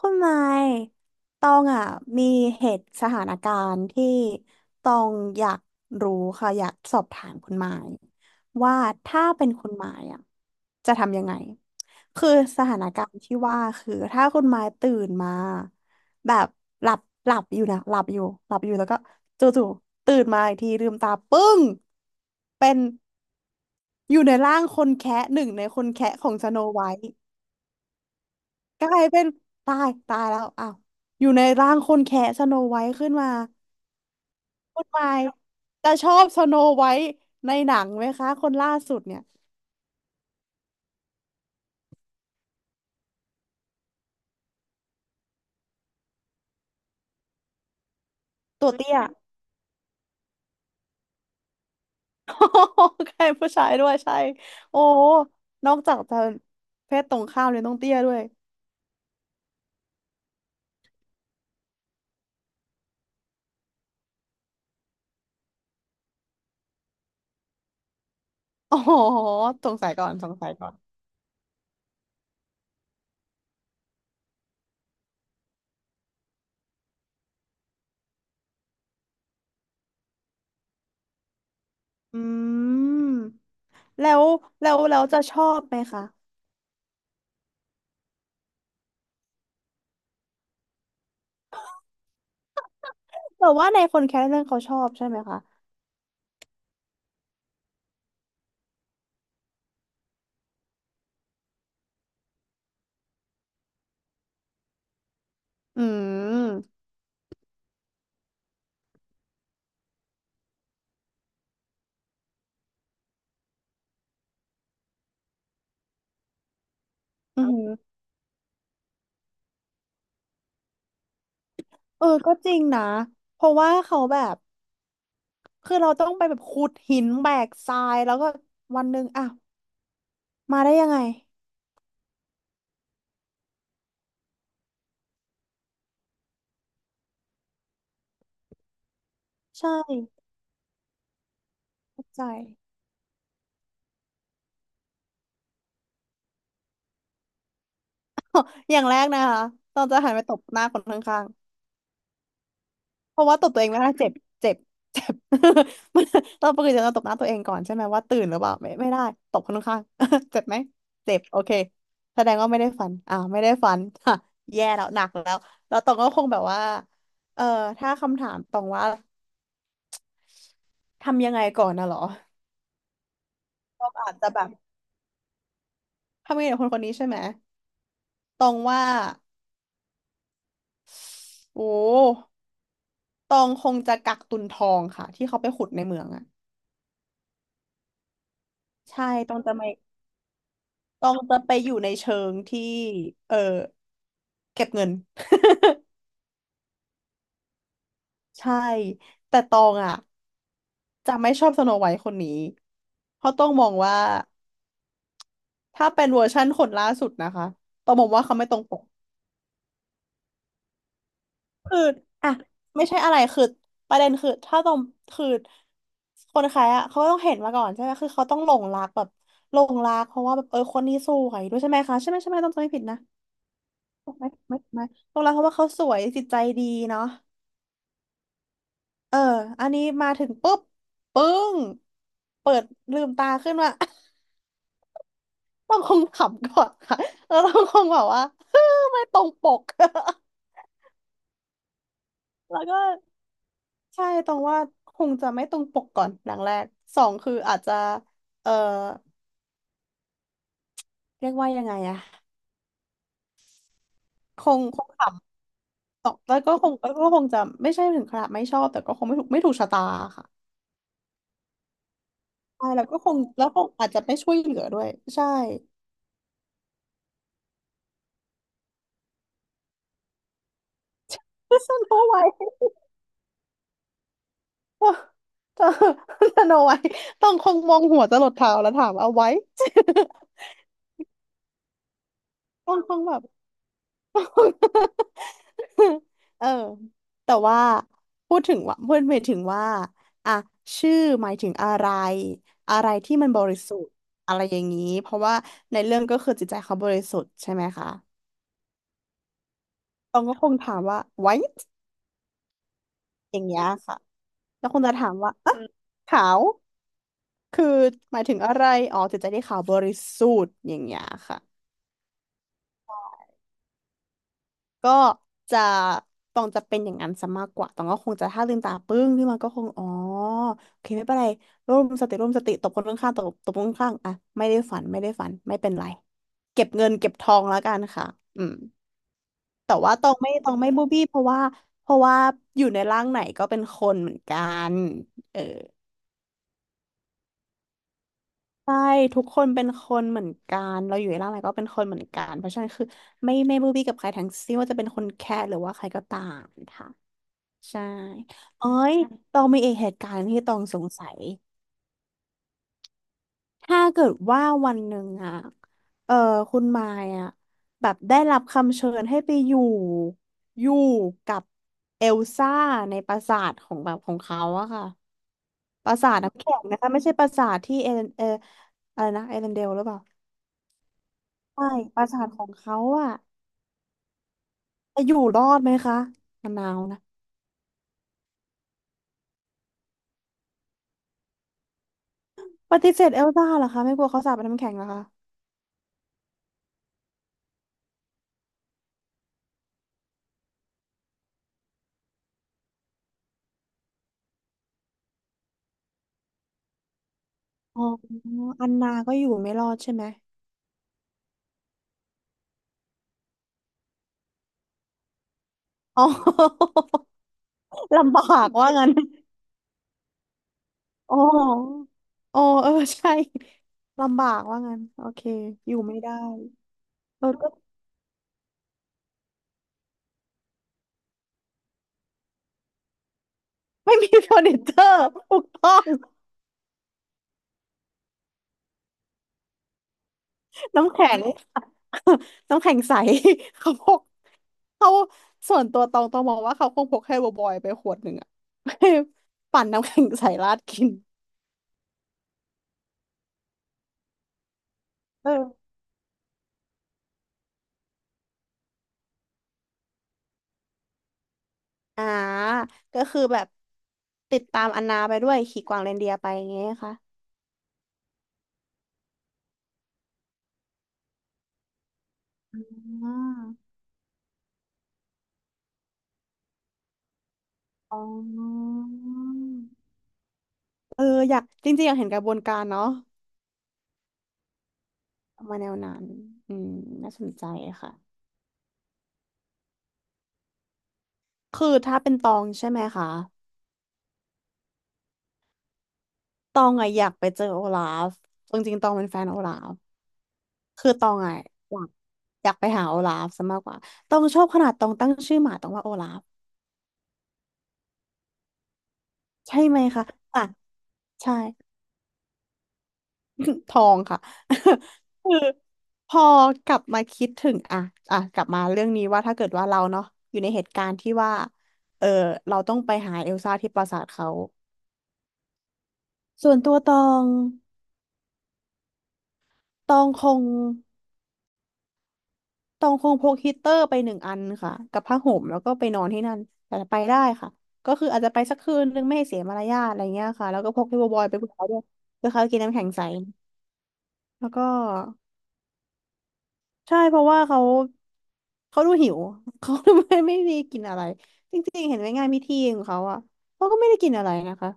คุณไม้ตองอ่ะมีเหตุสถานการณ์ที่ตองอยากรู้ค่ะอยากสอบถามคุณไม้ว่าถ้าเป็นคุณไม้อ่ะจะทำยังไงคือสถานการณ์ที่ว่าคือถ้าคุณไม้ตื่นมาแบบหลับหลับอยู่นะหลับอยู่หลับอยู่แล้วก็จู่ๆตื่นมาอีกทีลืมตาปึ้งเป็นอยู่ในร่างคนแคะหนึ่งในคนแคะของสโนไวท์ กลายเป็นตายแล้วอ้าวอยู่ในร่างคนแคะสโนไวท์ขึ้นมาคุณไมค์จะชอบสโนไวท์ในหนังไหมคะคนล่าสุดเนี่ยตัวเตี้ย โอ้โหใครผู้ชายด้วยใช่โอ้โหนอกจากจะเพศตรงข้ามเลยต้องเตี้ยด้วย โอ๋อสงสัยก่อนอืมแล้วเราจะชอบไหมคะแต่ว่าในคนแคะเรื่องเขาชอบใช่ไหมคะอืมอืมเออก็จริงนะเพราะว่าเขาแบบ คือเราต้องไปแบบขุดหินแบกทรายแล้วก็วันหนึ่งอ่ะมาได้ยังไงใช่เข้าใจอย่างแรกนะคะต้องจะหันไปตบหน้าคนข้างๆเพราะว่าตบตัวเองไม่ได้เจ็บเจ็บเจ็บ มันเราปกติจะตบหน้าตัวเองก่อนใช่ไหมว่าตื่นหรือเปล่าไม่ได้ตบคนข้างๆ เจ็บไหมเจ็บโอเคแสดงว่าไม่ได้ฝันไม่ได้ฝัน ค่ะแย่แล้วหนักแล้วแล้วตองก็คงแบบว่าเออถ้าคำถามตองว่าทำยังไงก่อนนะเหรอตองอาจจะแบบทำยังไงกับคนคนนี้ใช่ไหม ตองว่าโอ้ตองคงจะกักตุนทองค่ะที่เขาไปขุดในเมืองอ่ะใช่ตองจะไม่ตองจะไปอยู่ในเชิงที่เออเก็บเงิน ใช่แต่ตองอ่ะจะไม่ชอบสโนไวท์คนนี้เพราะต้องมองว่าถ้าเป็นเวอร์ชั่นคนล่าสุดนะคะต้องมองว่าเขาไม่ตรงปก คืออ่ะไม่ใช่อะไรคือประเด็นคือถ้าต้องคือคนขายอ่ะเขาก็ต้องเห็นมาก่อนใช่ไหมคือเขาต้องหลงรักแบบหลงรักเพราะว่าแบบเออคนนี้สวยด้วยใช่ไหมคะใช่ไหมต้องจำไม่ผิดนะถูกไหม่หลงรักเพราะว่าเขาสวยจิตใจดีเนาะเอออันนี้มาถึงปุ๊บปึ้งเปิดลืมตาขึ้นมา ต้องคงขำก่อนค่ะแล้วเราคงแบบว่า ไม่ตรงปก แล้วก็ ใช่ตรงว่าคงจะไม่ตรงปกก่อนหลังแรกสองคืออาจจะเออเรียกว่ายังไงอะคงขำตกแล้วก็คงจะไม่ใช่ถึงขนาดไม่ชอบแต่ก็คงไม่ถูกชะตาค่ะใช่แล้วก็คงอาจจะไม่ช่วยเหลือด้วยใช่สโนไวท์สโนไวท์ต้องคงมองหัวจะหลดเท้าแล้วถามเอาไว้ต้องคงแบบ เออแต่ว่าพูดถึงว่าพูดหมายถึงว่าอ่ะชื่อหมายถึงอะไรอะไรที่มันบริสุทธิ์อะไรอย่างนี้เพราะว่าในเรื่องก็คือจิตใจเขาบริสุทธิ์ใช่ไหมคะตองก็คงถามว่า white อย่างเงี้ยค่ะแล้วคงจะถามว่าอ่ะขาวคือหมายถึงอะไรอ๋อจิตใจที่ขาวบริสุทธิ์อย่างเงี้ยค่ะ ก็จะตองจะเป็นอย่างนั้นซะมากกว่าตองก็คงจะถ้าลืมตาปึ้งขึ้นมาก็คงอ๋อโอเคไม่เป็นไรร่วมสติตบคนข้างๆตบคนข้างๆอ่ะไม่ได้ฝันไม่เป็นไรเก็บเงินเก็บทองแล้วกันค่ะอืมแต่ว่าตองไม่บูบี้เพราะว่าเพราะว่าอยู่ในร่างไหนก็เป็นคนเหมือนกันเออใช่ทุกคนเป็นคนเหมือนกันเราอยู่ในร่างไหนก็เป็นคนเหมือนกันเพราะฉะนั้นคือไม่บูบี้กับใครทั้งสิ้นว่าจะเป็นคนแค่หรือว่าใครก็ตามค่ะ ใช่เอ้ยตองมีอีกเหตุการณ์ที่ตองสงสัย ถ้าเกิดว่าวันหนึ่งอะเออคุณมายอะแบบได้รับคำเชิญให้ไปอยู่อยู่กับเอลซ่าในปราสาทของแบบของเขาอะค่ะปราสาทน้ำแข็งนะคะไม่ใช่ปราสาทที่เอเลนเอออะไรนะเอเลนเดลหรือเปล่าใช่ปราสาทของเขาอะจะอยู่รอดไหมคะมะนาวนะปฏิเสธเอลซ่าเหรอคะไม่กลัวเขาสาปเป็นน้ำแข็งเหรอคะอ๋ออันนาก็อยู่ไม่รอดใช่ไหม อ๋อ ลำบากว่างั้นอ๋ออ๋อเออใช่ลำบากว่างั้นโอเคอยู่ไม่ได้เออก็ไม่มีเฟอร์นิเจอร์ถูกต้องน้ำแข็ง น้ำแข็งใส เขาพกเขาส่วนตัวตองมองว่าเขาคงพกให้บอยๆไปขวดหนึ่งอะ ปั่นน้ำแข็งใสราดกินเอออ่าก็คือแบบติดตามอันนาไปด้วยขี่กวางเรนเดียร์ไปอย่างเงี้ยค่ะอ่า อ๋อเอออยากจริงๆอยากเห็นกระบวนการเนาะมาแนวนั้นอืมน่าสนใจค่ะคือถ้าเป็นตองใช่ไหมคะตองอะอยากไปเจอโอลาฟจริงๆตองเป็นแฟนโอลาฟคือตองอะอยากอยากไปหาโอลาฟซะมากกว่าตองชอบขนาดตองตั้งชื่อหมาตองว่าโอลาฟใช่ไหมคะอ่ะใช่ ทองค่ะ คือพอกลับมาคิดถึงอ่ะอ่ะกลับมาเรื่องนี้ว่าถ้าเกิดว่าเราเนาะอยู่ในเหตุการณ์ที่ว่าเออเราต้องไปหาเอลซ่าที่ปราสาทเขาส่วนตัวตองตองคงตองคงพกฮีตเตอร์ไปหนึ่งอันค่ะกับผ้าห่มแล้วก็ไปนอนที่นั่นแต่ไปได้ค่ะก็คืออาจจะไปสักคืนนึงไม่ให้เสียมารยาทอะไรเงี้ยค่ะแล้วก็พกที่บอยๆไปกับเขาด้วยเพื่อเขากินน้ำแข็งใสแล้วก็ ใช่เพราะว่าเขาเขาดูหิว เขาดูไม่ได้กินอะไรจริงๆเห็นไหมงานพิธีของเขาอ่ะเขาก็ไม่ได้กินอะไรนะคะ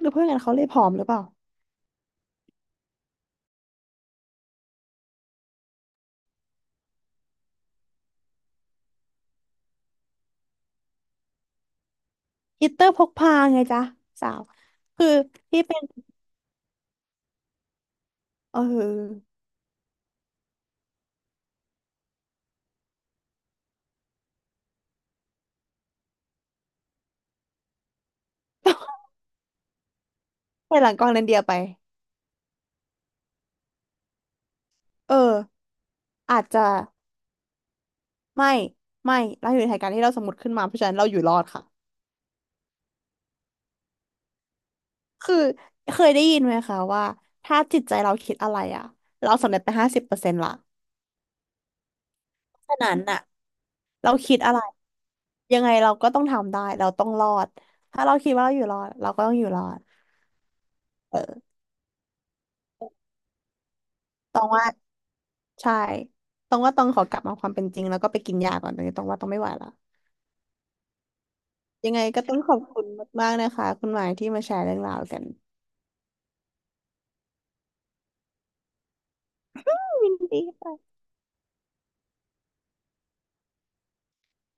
หรือเพื่อนกันเขาเลยผอมหรือเปล่าฮิตเตอร์พกพาไงจ๊ะสาวคือที่เป็นเออ ไปหลังกองเรนเดียร์ไปเอออาจจะไม่ไม่เราอยู่ในเหตุการณ์ที่เราสมมติขึ้นมาเพราะฉะนั้นเราอยู่รอดค่ะคือเคยได้ยินไหมคะว่าถ้าจิตใจเราคิดอะไรอ่ะเราสำเร็จไป50%ละฉะนั้นน่ะ เราคิดอะไรยังไงเราก็ต้องทำได้เราต้องรอดถ้าเราคิดว่าเราอยู่รอดเราก็ต้องอยู่รอดเออตองว่าใช่ตองว่าตองขอกลับมาความเป็นจริงแล้วก็ไปกินยาก่อนตอนนี้ตองว่าตองไม่ไหวละยังไงก็ต้องขอบคุณมากๆนะคะคุณหมายที่มาแชร์เรื่องราวกันยินดีค่ะ